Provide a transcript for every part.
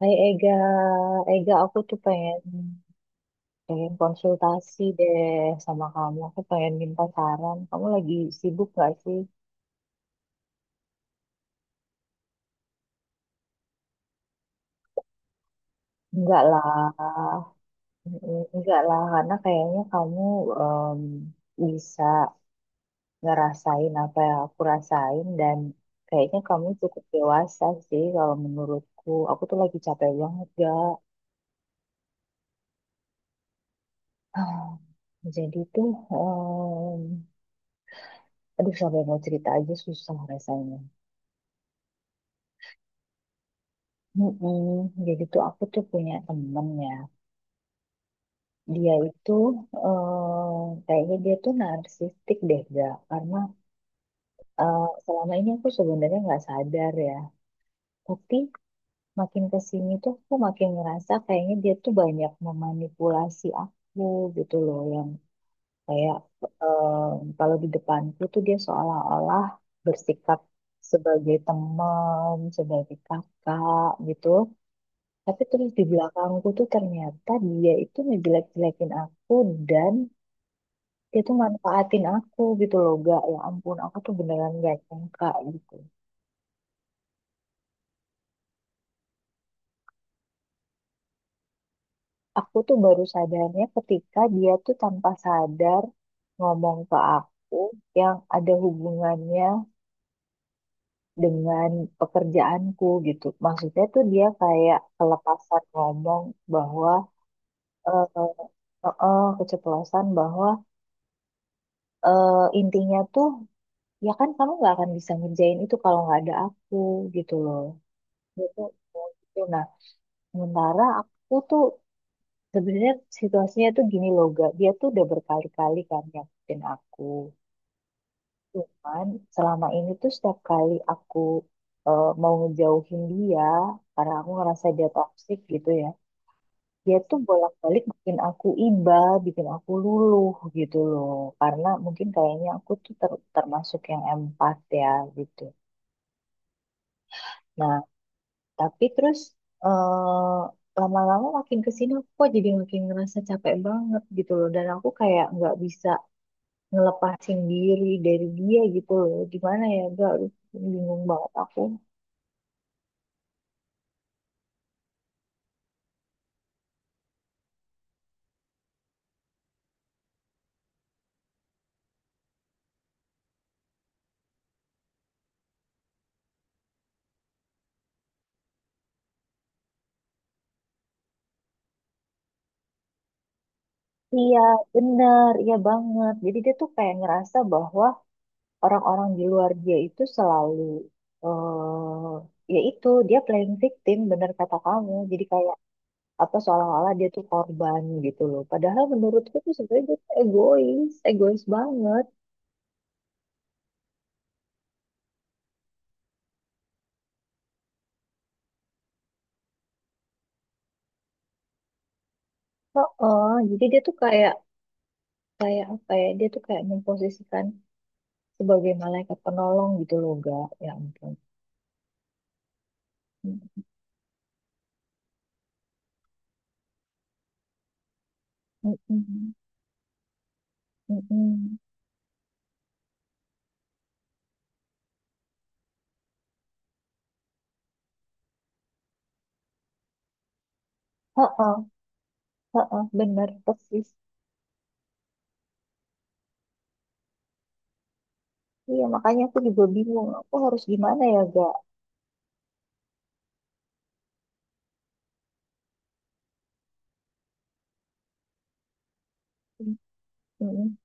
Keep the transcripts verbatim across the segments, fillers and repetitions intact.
Hai Ega, Ega aku tuh pengen pengen konsultasi deh sama kamu. Aku pengen minta saran. Kamu lagi sibuk gak sih? Enggak lah. Mm, enggak lah. Karena kayaknya kamu em, bisa ngerasain apa yang aku rasain dan kayaknya kamu cukup dewasa sih kalau menurutku. Aku tuh lagi capek banget gak. Jadi tuh, em, aduh sampai mau cerita aja susah rasanya. Mm-mm. Jadi tuh aku tuh punya temen ya. Dia itu eh, kayaknya dia tuh narsistik deh gak. Karena eh, selama ini aku sebenarnya nggak sadar ya. Tapi makin kesini tuh aku makin ngerasa kayaknya dia tuh banyak memanipulasi aku gitu loh. Yang kayak eh, kalau di depanku tuh dia seolah-olah bersikap sebagai teman, sebagai kakak gitu. Tapi terus di belakangku tuh ternyata dia itu ngejelek-jelekin aku dan dia tuh manfaatin aku gitu loh gak. Ya ampun aku tuh beneran gak nyangka gitu. Aku tuh baru sadarnya ketika dia tuh tanpa sadar ngomong ke aku yang ada hubungannya dengan pekerjaanku gitu. Maksudnya tuh dia kayak kelepasan ngomong bahwa eh eh, eh, keceplosan bahwa, eh, intinya tuh ya kan kamu nggak akan bisa ngerjain itu kalau nggak ada aku gitu loh itu gitu. Nah, sementara aku tuh sebenarnya situasinya tuh gini loh gak, dia tuh udah berkali-kali kan nyakitin aku cuman selama ini tuh setiap kali aku eh, mau ngejauhin dia karena aku ngerasa dia toksik gitu ya, dia tuh bolak-balik bikin aku iba bikin aku luluh gitu loh karena mungkin kayaknya aku tuh ter- termasuk yang empat ya gitu. Nah, tapi terus eh, lama-lama makin kesini aku kok jadi makin ngerasa capek banget gitu loh. Dan aku kayak nggak bisa ngelepasin diri dari dia gitu loh. Gimana ya, gak, bingung banget aku. Iya, bener, iya banget. Jadi dia tuh kayak ngerasa bahwa orang-orang di luar dia itu selalu, eh ya itu, dia playing victim, bener kata kamu. Jadi kayak atau seolah-olah dia tuh korban gitu loh. Padahal menurutku tuh sebenarnya dia tuh egois, egois banget. Oh jadi dia tuh kayak kayak apa ya? Dia tuh kayak memposisikan sebagai malaikat penolong gitu loh, gak? Ya ampun. Mm-mm, mm-mm. Heeh, heeh, bener persis. Iya, makanya aku juga bingung. Aku harus gimana ya, gak? Mm-mm,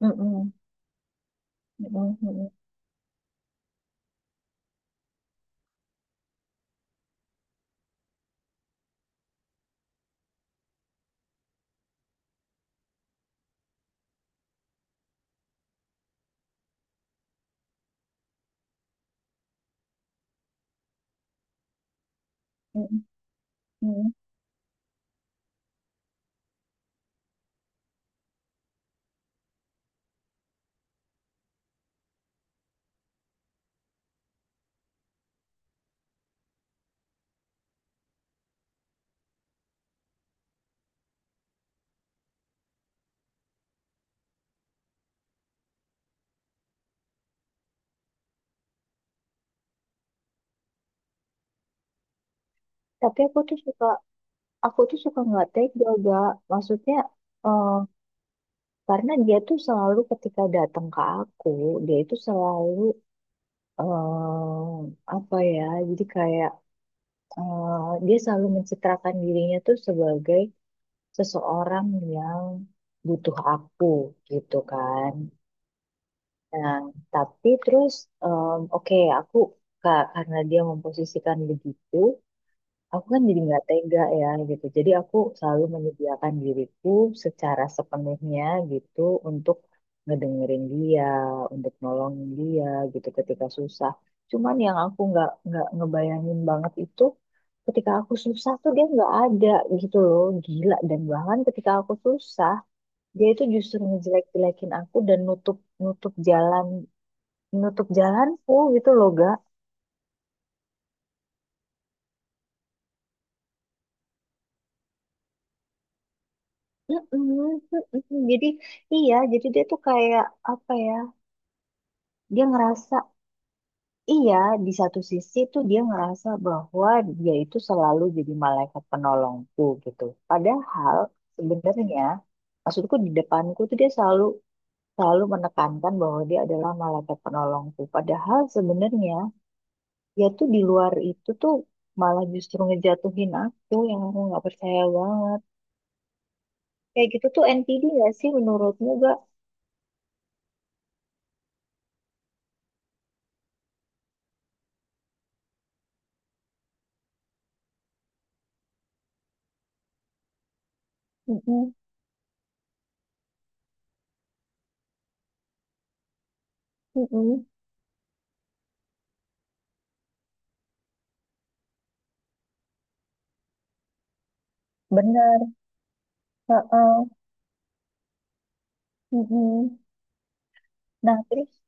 mm-mm, mm-mm, mm-mm, mm-mm, mm-mm. Tapi aku tuh suka, aku tuh suka nggak tega, gak? Maksudnya, eh, karena dia tuh selalu ketika datang ke aku, dia itu selalu, em, apa ya, jadi kayak, eh, dia selalu mencitrakan dirinya tuh sebagai seseorang yang butuh aku gitu kan. Nah, tapi terus, em, oke aku, ka- karena dia memposisikan begitu, aku kan jadi nggak tega ya gitu. Jadi aku selalu menyediakan diriku secara sepenuhnya gitu untuk ngedengerin dia, untuk nolongin dia gitu ketika susah. Cuman yang aku nggak nggak ngebayangin banget itu ketika aku susah tuh dia nggak ada gitu loh, gila. Dan bahkan ketika aku susah dia itu justru ngejelek-jelekin aku dan nutup nutup jalan nutup jalanku gitu loh, Ga. Mm-mm, mm-mm. Jadi iya, jadi dia tuh kayak apa ya? Dia ngerasa iya, di satu sisi tuh dia ngerasa bahwa dia itu selalu jadi malaikat penolongku gitu. Padahal sebenarnya maksudku di depanku tuh dia selalu selalu menekankan bahwa dia adalah malaikat penolongku. Padahal sebenarnya dia tuh di luar itu tuh malah justru ngejatuhin aku yang aku nggak percaya banget. Kayak gitu tuh N P D gak sih menurutmu gak? Mm-mm, mm-mm. Bener, heeh, mm-mm. Nah, terus,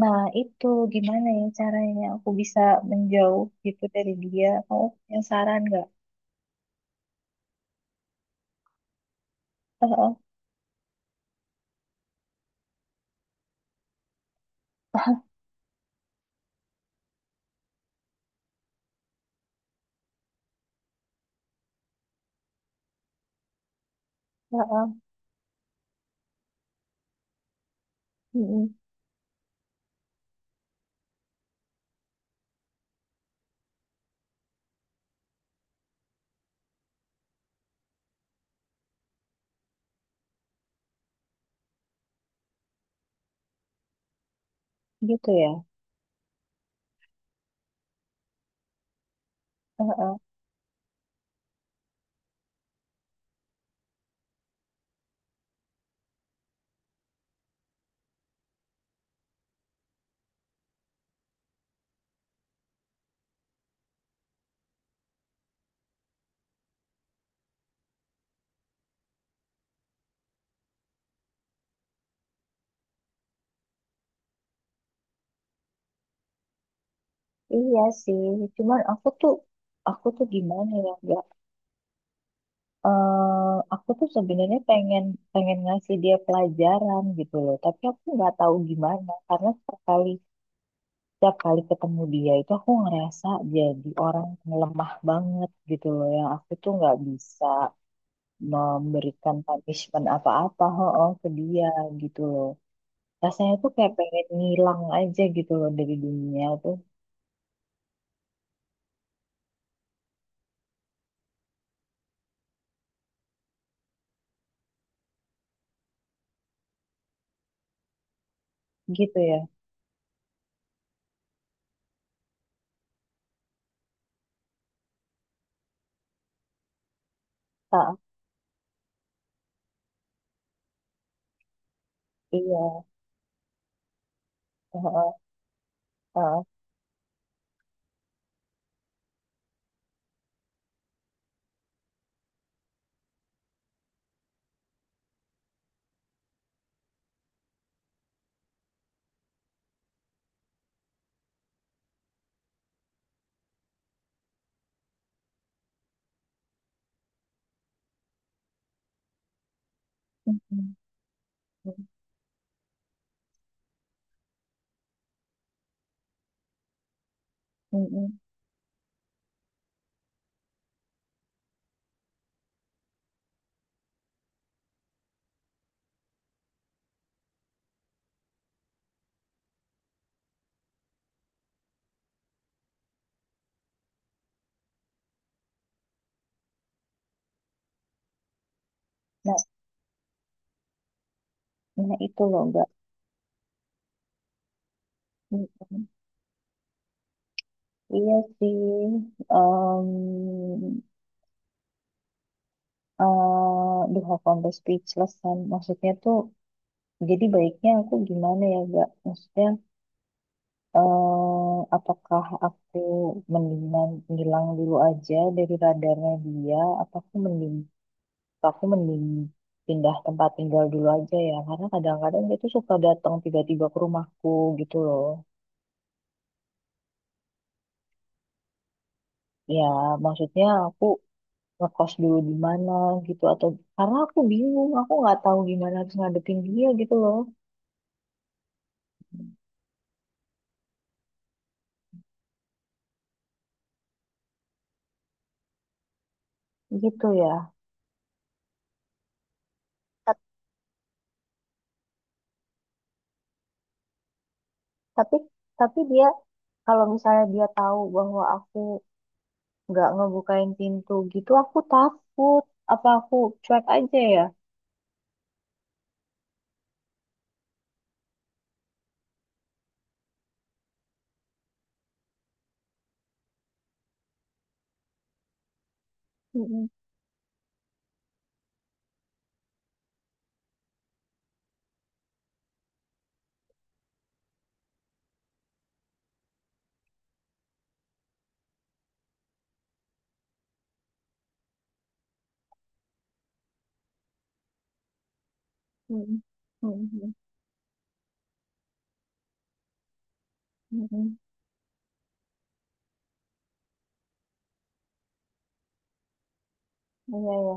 nah itu gimana ya caranya aku bisa menjauh gitu dari dia? Kamu punya saran nggak? Heeh, heeh, mm-mm. Gitu ya. Heeh. Iya sih, cuman aku tuh, aku tuh gimana ya nggak? Eh aku tuh sebenarnya pengen pengen ngasih dia pelajaran gitu loh, tapi aku nggak tahu gimana karena sekali setiap kali ketemu dia itu aku ngerasa jadi orang yang lemah banget gitu loh. Yang aku tuh nggak bisa memberikan punishment apa-apa, oh, ke dia gitu loh. Rasanya tuh kayak pengen ngilang aja gitu loh dari dunia tuh. Gitu ya. Ah, iya. Heeh, heeh. Mm-mm, mm-mm. Nah, nah itu loh enggak. Iya sih. Um, eh Duh, aku sampai speechless kan. Maksudnya tuh jadi baiknya aku gimana ya, Gak? Maksudnya, eh, apakah aku mendingan ngilang dulu aja dari radarnya dia? Apa aku mending, apa aku mending pindah tempat tinggal dulu aja ya? Karena kadang-kadang dia tuh suka datang tiba-tiba ke rumahku gitu loh. Ya, maksudnya aku ngekos dulu di mana gitu atau karena aku bingung, aku nggak tahu gimana harus ngadepin dia gitu loh. Gitu ya. Ta- Tapi tapi dia, kalau misalnya dia tahu bahwa aku nggak ngebukain pintu gitu aku takut, apa aku cuek aja ya. Mm-mm, mm-mm, mm-mm, mm-mm. Iya ya.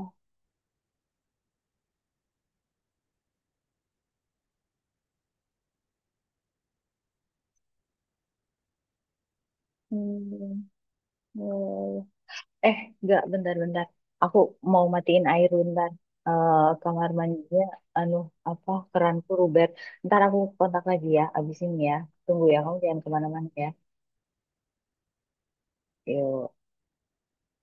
Hmm, iya, iya, iya. eh nggak bentar-bentar, aku mau matiin air bentar. Eh, kamar mandinya anu apa keranku Ruber, ntar aku kontak lagi ya abis ini ya, tunggu ya kamu jangan kemana-mana ya. Yuk.